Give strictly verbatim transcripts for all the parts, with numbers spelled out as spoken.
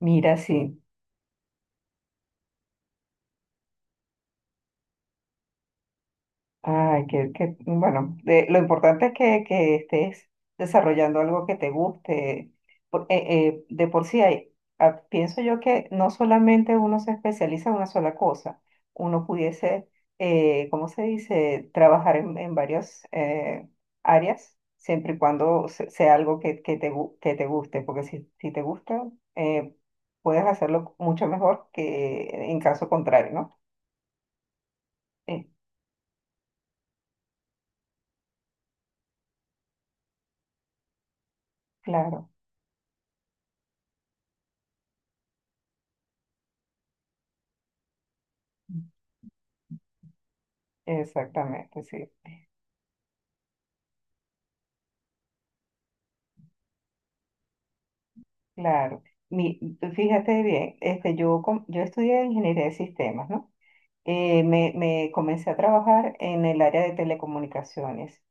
Mira, sí. Ay, que, que- bueno, de- lo importante es que, que estés desarrollando algo que te guste. Por- eh, eh, de por sí hay, ah, pienso yo que no solamente uno se especializa en una sola cosa, uno pudiese, eh, ¿cómo se dice?, trabajar en, en varias eh, áreas, siempre y cuando se- sea algo que, que te, gu- que te guste, porque si, si te gusta, eh, puedes hacerlo mucho mejor que en caso contrario, ¿no? Eh, claro. Exactamente, sí, claro. Mi, tú fíjate bien, este, yo, com- yo estudié ingeniería de sistemas, ¿no? Eh, me, me comencé a trabajar en el área de telecomunicaciones,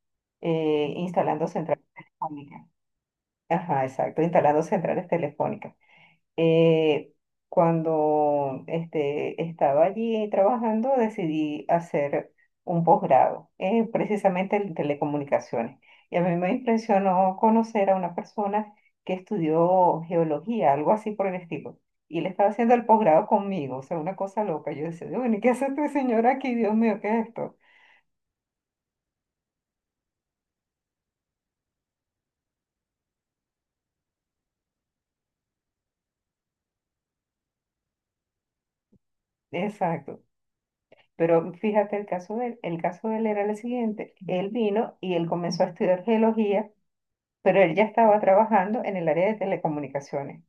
eh, instalando centrales telefónicas. Ajá, exacto, instalando centrales telefónicas. eh, cuando este, estaba allí trabajando, decidí hacer un posgrado, eh, precisamente en telecomunicaciones. Y a mí me impresionó conocer a una persona que estudió geología, algo así por el estilo. Y él estaba haciendo el posgrado conmigo, o sea, una cosa loca. Yo decía, bueno, ¿y qué hace este señor aquí? Dios mío, ¿qué es esto? Exacto. Pero fíjate, el caso de él, el caso de él era el siguiente. Él vino y él comenzó a estudiar geología, pero él ya estaba trabajando en el área de telecomunicaciones.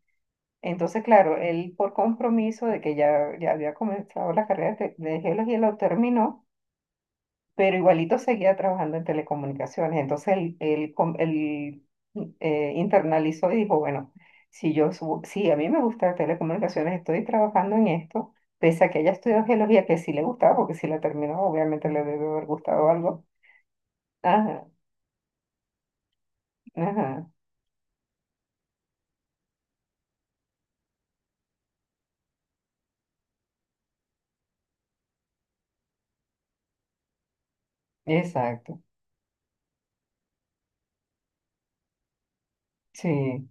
Entonces, claro, él por compromiso de que ya, ya había comenzado la carrera de, de geología, lo terminó, pero igualito seguía trabajando en telecomunicaciones. Entonces, él, él com- él, eh, internalizó y dijo, bueno, si yo, subo- si a mí me gusta telecomunicaciones, estoy trabajando en esto, pese a que haya estudiado geología, que sí le gustaba, porque si la terminó, obviamente le debe haber gustado algo. Ajá, ajá, exacto. Sí.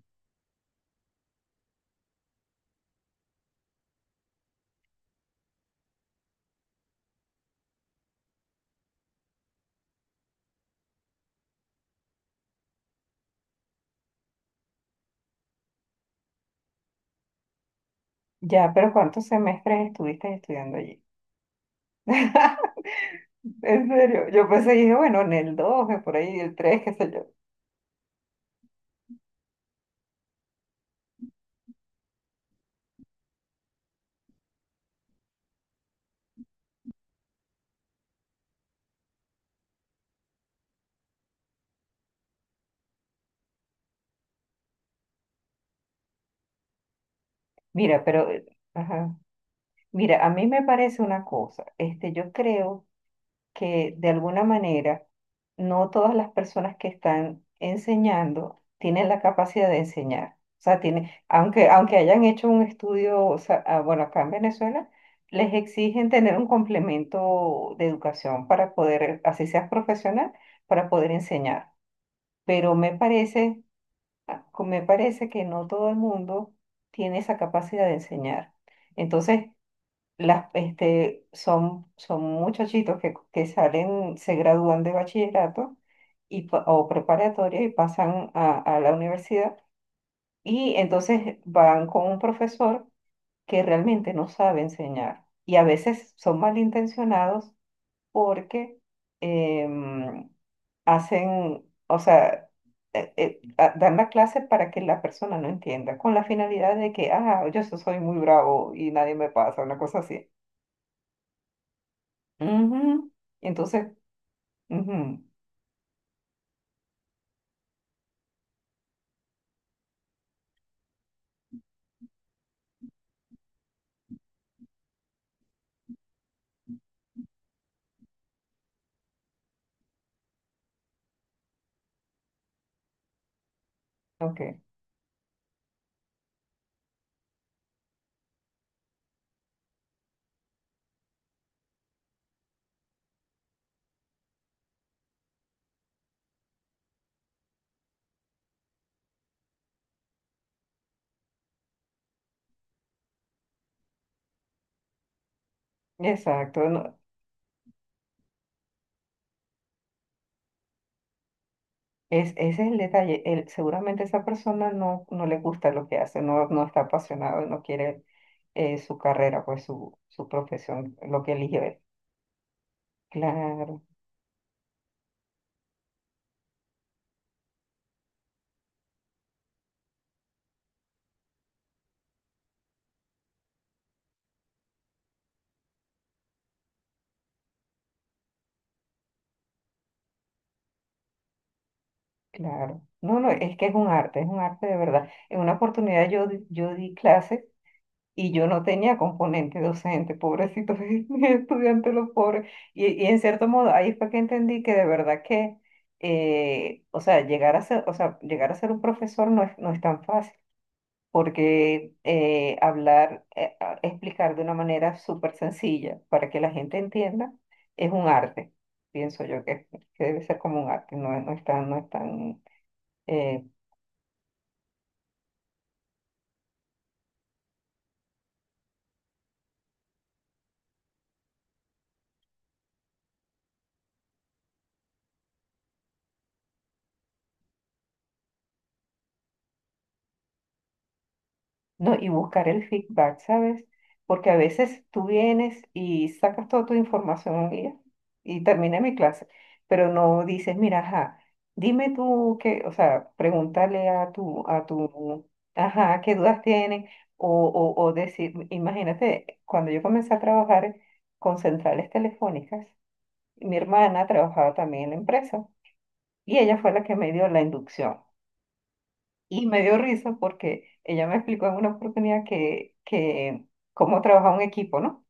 Ya, pero ¿cuántos semestres estuviste estudiando allí? En serio, yo pensé, dije, bueno, en el dos, por ahí, el tres, qué sé yo. Mira, pero, eh, ajá. Mira, a mí me parece una cosa, este, yo creo que de alguna manera no todas las personas que están enseñando tienen la capacidad de enseñar. O sea, tienen, aunque, aunque hayan hecho un estudio, o sea, ah, bueno, acá en Venezuela, les exigen tener un complemento de educación para poder, así seas profesional, para poder enseñar. Pero me parece, ah, me parece que no todo el mundo tiene esa capacidad de enseñar. Entonces, las, este, son, son muchachitos que, que salen, se gradúan de bachillerato y, pa- o preparatoria y pasan a, a la universidad y entonces van con un profesor que realmente no sabe enseñar y a veces son malintencionados porque em, hacen, o sea, eh, eh, a- dan la clase para que la persona no entienda, con la finalidad de que, ah, yo so- soy muy bravo y nadie me pasa, una cosa así. Ujú. Entonces, ujú, ok, exacto. No, es, ese es el detalle. El- seguramente esa persona no, no le gusta lo que hace, no, no está apasionado, no quiere eh, su carrera, pues su, su profesión, lo que eligió él. Claro, claro. No, no, es que es un arte, es un arte de verdad. En una oportunidad yo, di- yo di clases y yo no tenía componente docente, pobrecitos mis estudiantes, los pobres. Y, y en cierto modo, ahí fue que entendí que de verdad que, eh, o sea, llegar a ser, o sea, llegar a ser un profesor no es, no es tan fácil, porque eh, hablar, eh, a- explicar de una manera súper sencilla para que la gente entienda es un arte. Pienso yo que, que debe ser como un arte, no, es- no es tan, no es tan, eh, No, y buscar el feedback, ¿sabes? Porque a veces tú vienes y sacas toda tu información un día y termina mi clase, pero no dices, mira, ajá, dime tú qué, o sea, pregúntale a tu, a tu, ajá, qué dudas tienen, o, o, o decir, imagínate, cuando yo comencé a trabajar con centrales telefónicas, mi hermana trabajaba también en la empresa y ella fue la que me dio la inducción. Y me dio risa porque ella me explicó en una oportunidad que, que cómo trabaja un equipo, ¿no?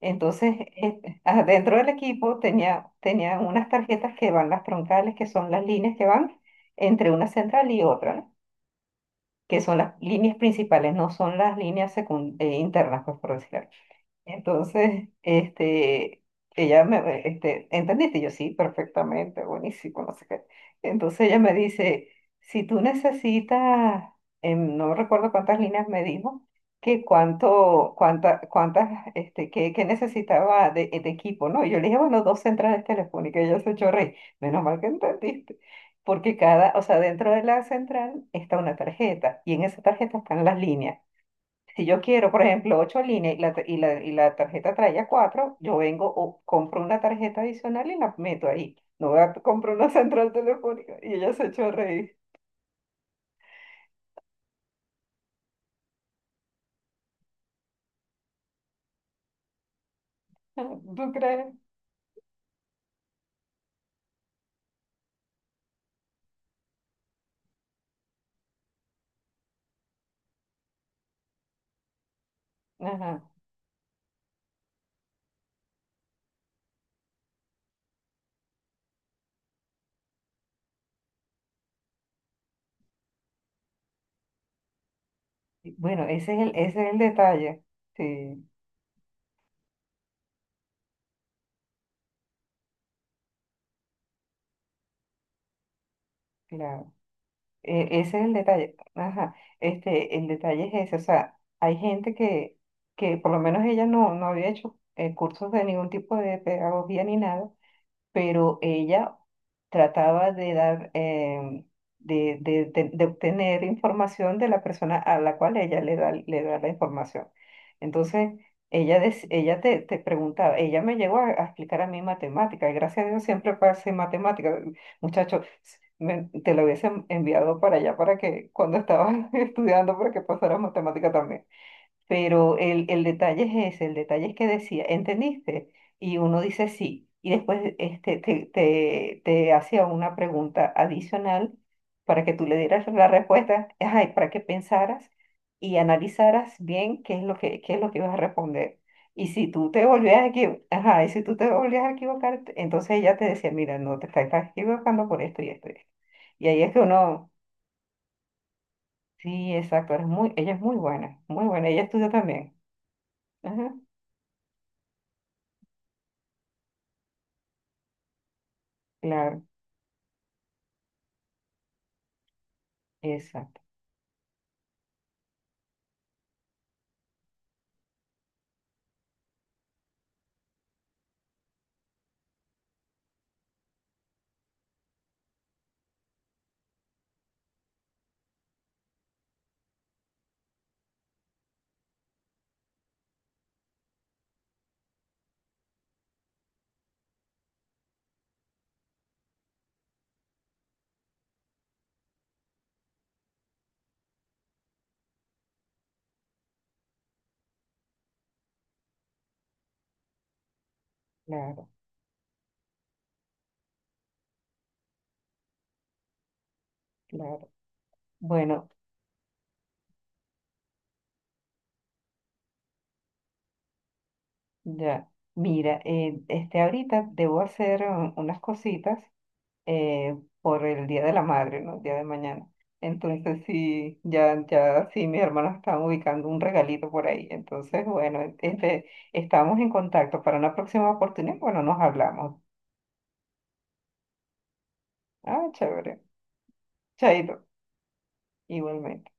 Entonces, este, ah, dentro del equipo tenía, tenía unas tarjetas que van las troncales, que son las líneas que van entre una central y otra, ¿no? Que son las líneas principales, no son las líneas secun- eh, internas, pues por decirlo. Entonces, este, ella me, este, ¿entendiste? Y yo sí, perfectamente, buenísimo, no sé qué. Entonces ella me dice, si tú necesitas, em, no recuerdo cuántas líneas me dijo, que cuánto, cuánta, cuántas, este, que, necesitaba de, de equipo, ¿no? Y yo le dije, bueno, dos centrales telefónicas, y ella se echó a reír. Menos mal que entendiste. Porque cada, o sea, dentro de la central está una tarjeta, y en esa tarjeta están las líneas. Si yo quiero, por ejemplo, ocho líneas y la, y la, y la tarjeta traía cuatro, yo vengo o compro una tarjeta adicional y la meto ahí. No voy a comprar una central telefónica y ella se echó a reír. ¿Tú crees? Ajá. Y bueno, ese es el, ese es el detalle. Sí, claro. E- ese es el detalle. Ajá. Este, el detalle es ese. O sea, hay gente que, que por lo menos ella no, no había hecho eh, cursos de ningún tipo de pedagogía ni nada, pero ella trataba de dar, em, de, de- de- de obtener información de la persona a la cual ella le da, le da la información. Entonces, ella, dec- ella te, te preguntaba, ella me llegó a, a explicar a mí matemática, y gracias a Dios siempre pasé matemática. Muchacho, s- me- te lo hubiesen enviado para allá para que cuando estabas estudiando para que pasaras matemática también. Pero el, el detalle es ese, el detalle es que decía, ¿entendiste? Y uno dice sí, y después este, te, te, te hacía una pregunta adicional para que tú le dieras la respuesta, ay, para que pensaras y analizaras bien qué es lo que, qué es lo que ibas a responder. Y si tú te volvías a equivocar, ajá, y si tú te volvías a equivocar, te- entonces ella te decía, mira, no te estás estás equivocando por esto y esto. Y esto. Y ahí es que uno, sí, exacto, eres muy, ella es muy buena, muy buena, ella estudia también. Ajá, claro. Exacto, claro, claro. Bueno, ya, mira, eh, este ahorita debo hacer uh, unas cositas eh, por el Día de la Madre, ¿no? El día de mañana. Entonces sí, ya, ya sí, mis hermanos están ubicando un regalito por ahí. Entonces, bueno, este, estamos en contacto para una próxima oportunidad. Bueno, nos hablamos. Ah, chévere. Chaito, igualmente.